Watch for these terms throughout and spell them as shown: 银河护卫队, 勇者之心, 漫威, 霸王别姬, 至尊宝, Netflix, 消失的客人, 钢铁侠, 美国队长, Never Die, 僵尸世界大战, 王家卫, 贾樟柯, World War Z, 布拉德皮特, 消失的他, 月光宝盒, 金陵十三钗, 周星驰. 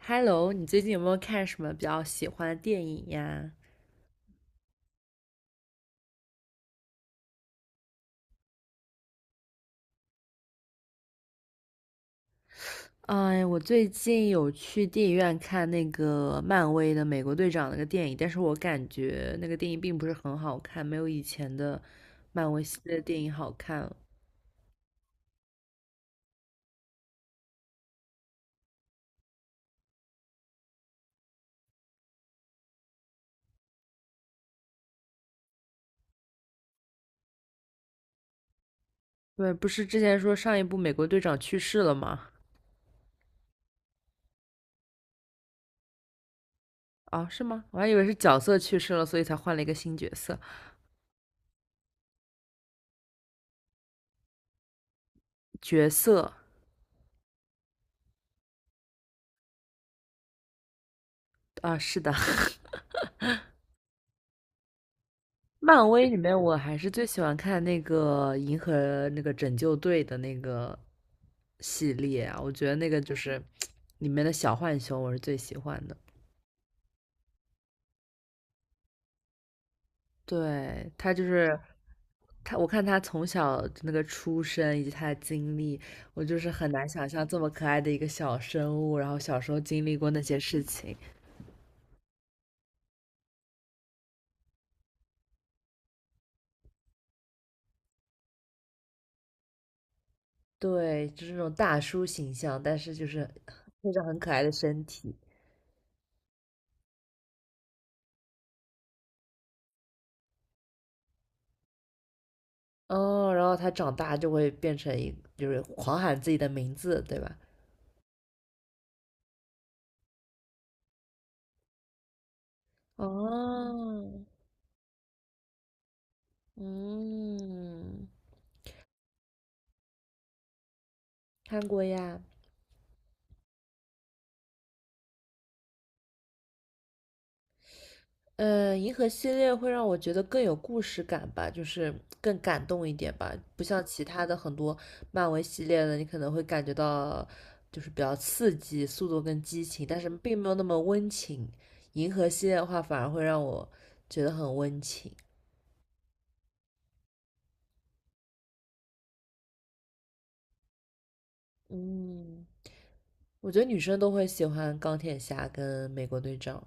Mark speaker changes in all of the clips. Speaker 1: Hello，你最近有没有看什么比较喜欢的电影呀？哎，我最近有去电影院看那个漫威的美国队长那个电影，但是我感觉那个电影并不是很好看，没有以前的漫威系列电影好看了。对，不是之前说上一部美国队长去世了吗？哦，是吗？我还以为是角色去世了，所以才换了一个新角色。角色啊，是的，漫威里面我还是最喜欢看那个银河那个拯救队的那个系列啊，我觉得那个就是里面的小浣熊，我是最喜欢的。对，他就是他，我看他从小那个出生以及他的经历，我就是很难想象这么可爱的一个小生物，然后小时候经历过那些事情。对，就是那种大叔形象，但是就是配种很可爱的身体。哦，然后他长大就会变成一，就是狂喊自己的名字，对吧？哦，嗯，看过呀。银河系列会让我觉得更有故事感吧，就是更感动一点吧，不像其他的很多漫威系列的，你可能会感觉到就是比较刺激、速度跟激情，但是并没有那么温情。银河系列的话，反而会让我觉得很温情。嗯。我觉得女生都会喜欢钢铁侠跟美国队长。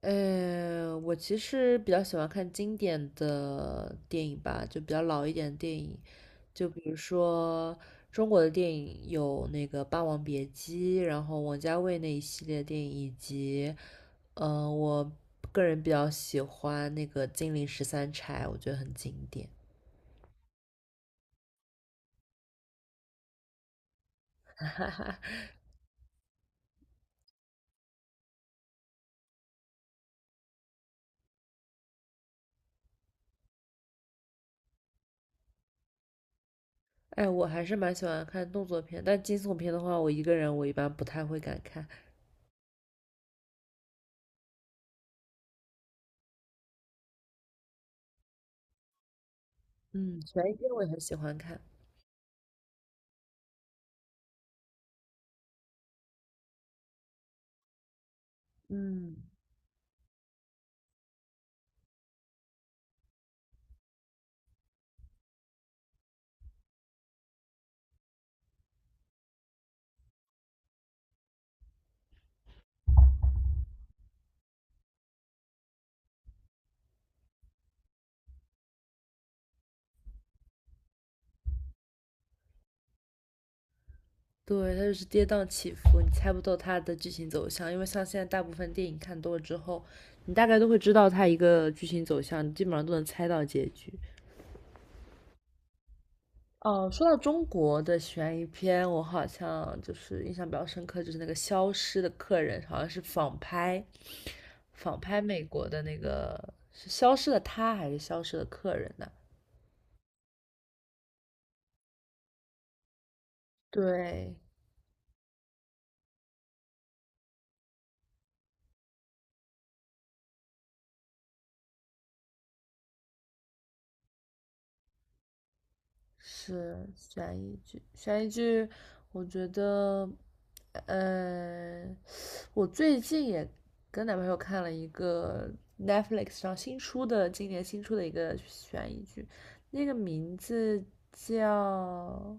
Speaker 1: 我其实比较喜欢看经典的电影吧，就比较老一点的电影，就比如说中国的电影有那个《霸王别姬》，然后王家卫那一系列电影，以及，我个人比较喜欢那个《金陵十三钗》，我觉得很经典。哎，我还是蛮喜欢看动作片，但惊悚片的话，我一个人一般不太会敢看。嗯，悬疑片我也很喜欢看。嗯，对，它就是跌宕起伏，你猜不透它的剧情走向，因为像现在大部分电影看多了之后，你大概都会知道它一个剧情走向，基本上都能猜到结局。哦，说到中国的悬疑片，我好像就是印象比较深刻，就是那个《消失的客人》，好像是仿拍，仿拍美国的那个是《消失的他》还是《消失的客人》呢？对，是悬疑剧，悬疑剧，我觉得，嗯，我最近也跟男朋友看了一个 Netflix 上新出的，今年新出的一个悬疑剧，那个名字叫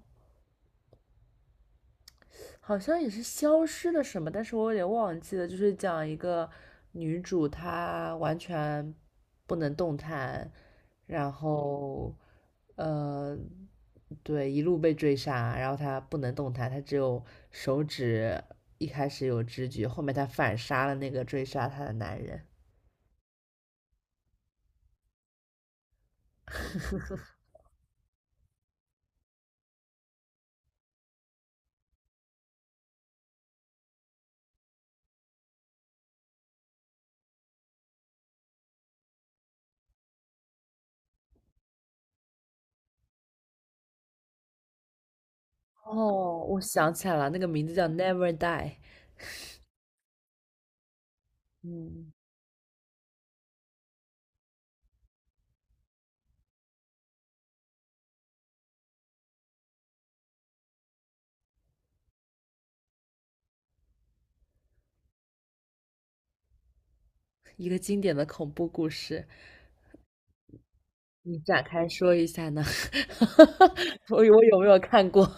Speaker 1: 好像也是消失了什么，但是我有点忘记了，就是讲一个女主她完全不能动弹，然后呃，对，一路被追杀，然后她不能动弹，她只有手指一开始有知觉，后面她反杀了那个追杀她的男人。哦，我想起来了，那个名字叫《Never Die》，嗯，一个经典的恐怖故事。你展开说一下呢？我有没有看过？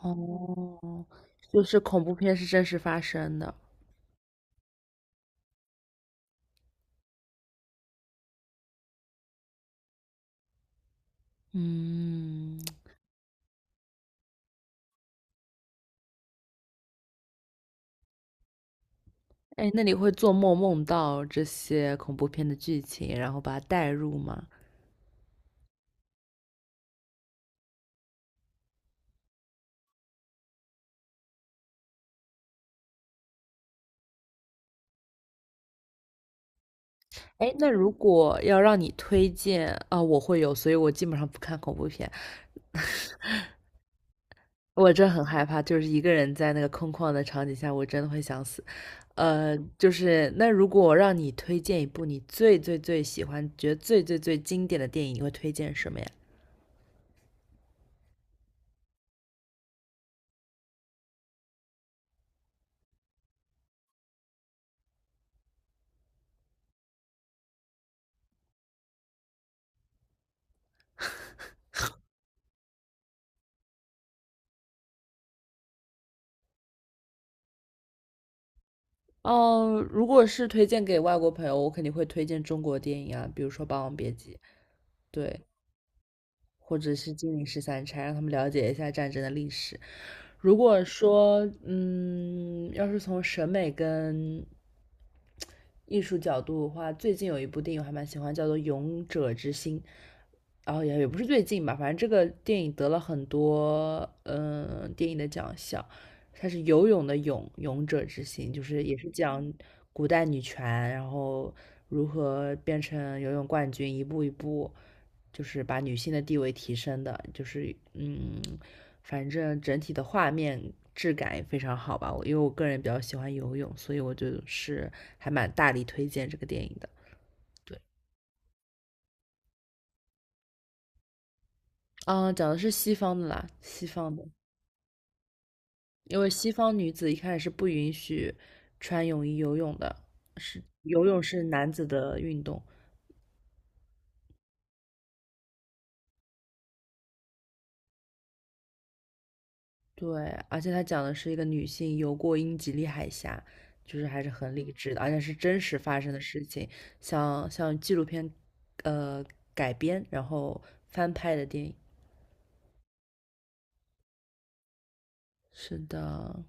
Speaker 1: 哦，就是恐怖片是真实发生的。嗯，哎，那你会做梦梦到这些恐怖片的剧情，然后把它带入吗？哎，那如果要让你推荐啊，我会有，所以我基本上不看恐怖片。我真很害怕，就是一个人在那个空旷的场景下，我真的会想死。就是那如果我让你推荐一部你最最最喜欢、觉得最最最经典的电影，你会推荐什么呀？哦，如果是推荐给外国朋友，我肯定会推荐中国电影啊，比如说《霸王别姬》，对，或者是《金陵十三钗》，让他们了解一下战争的历史。如果说，嗯，要是从审美跟艺术角度的话，最近有一部电影我还蛮喜欢，叫做《勇者之心》，然后也不是最近吧，反正这个电影得了很多嗯、电影的奖项。它是游泳的泳，勇者之心，就是也是讲古代女权，然后如何变成游泳冠军，一步一步，就是把女性的地位提升的，就是嗯，反正整体的画面质感也非常好吧。因为我个人比较喜欢游泳，所以我就是还蛮大力推荐这个电影的。对，嗯，讲的是西方的啦，西方的，因为西方女子一开始是不允许穿泳衣游泳的，是游泳是男子的运动，对，而且他讲的是一个女性游过英吉利海峡，就是还是很理智的，而且是真实发生的事情，像纪录片，呃，改编然后翻拍的电影。是的，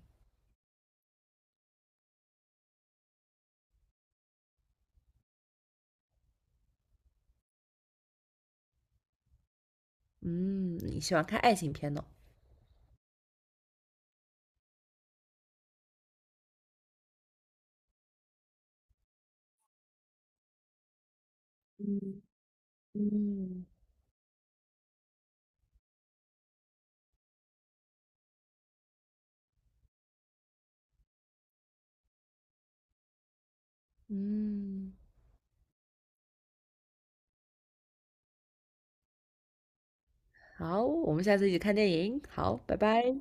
Speaker 1: 嗯，你喜欢看爱情片呢？嗯嗯嗯，好，我们下次一起看电影。好，拜拜。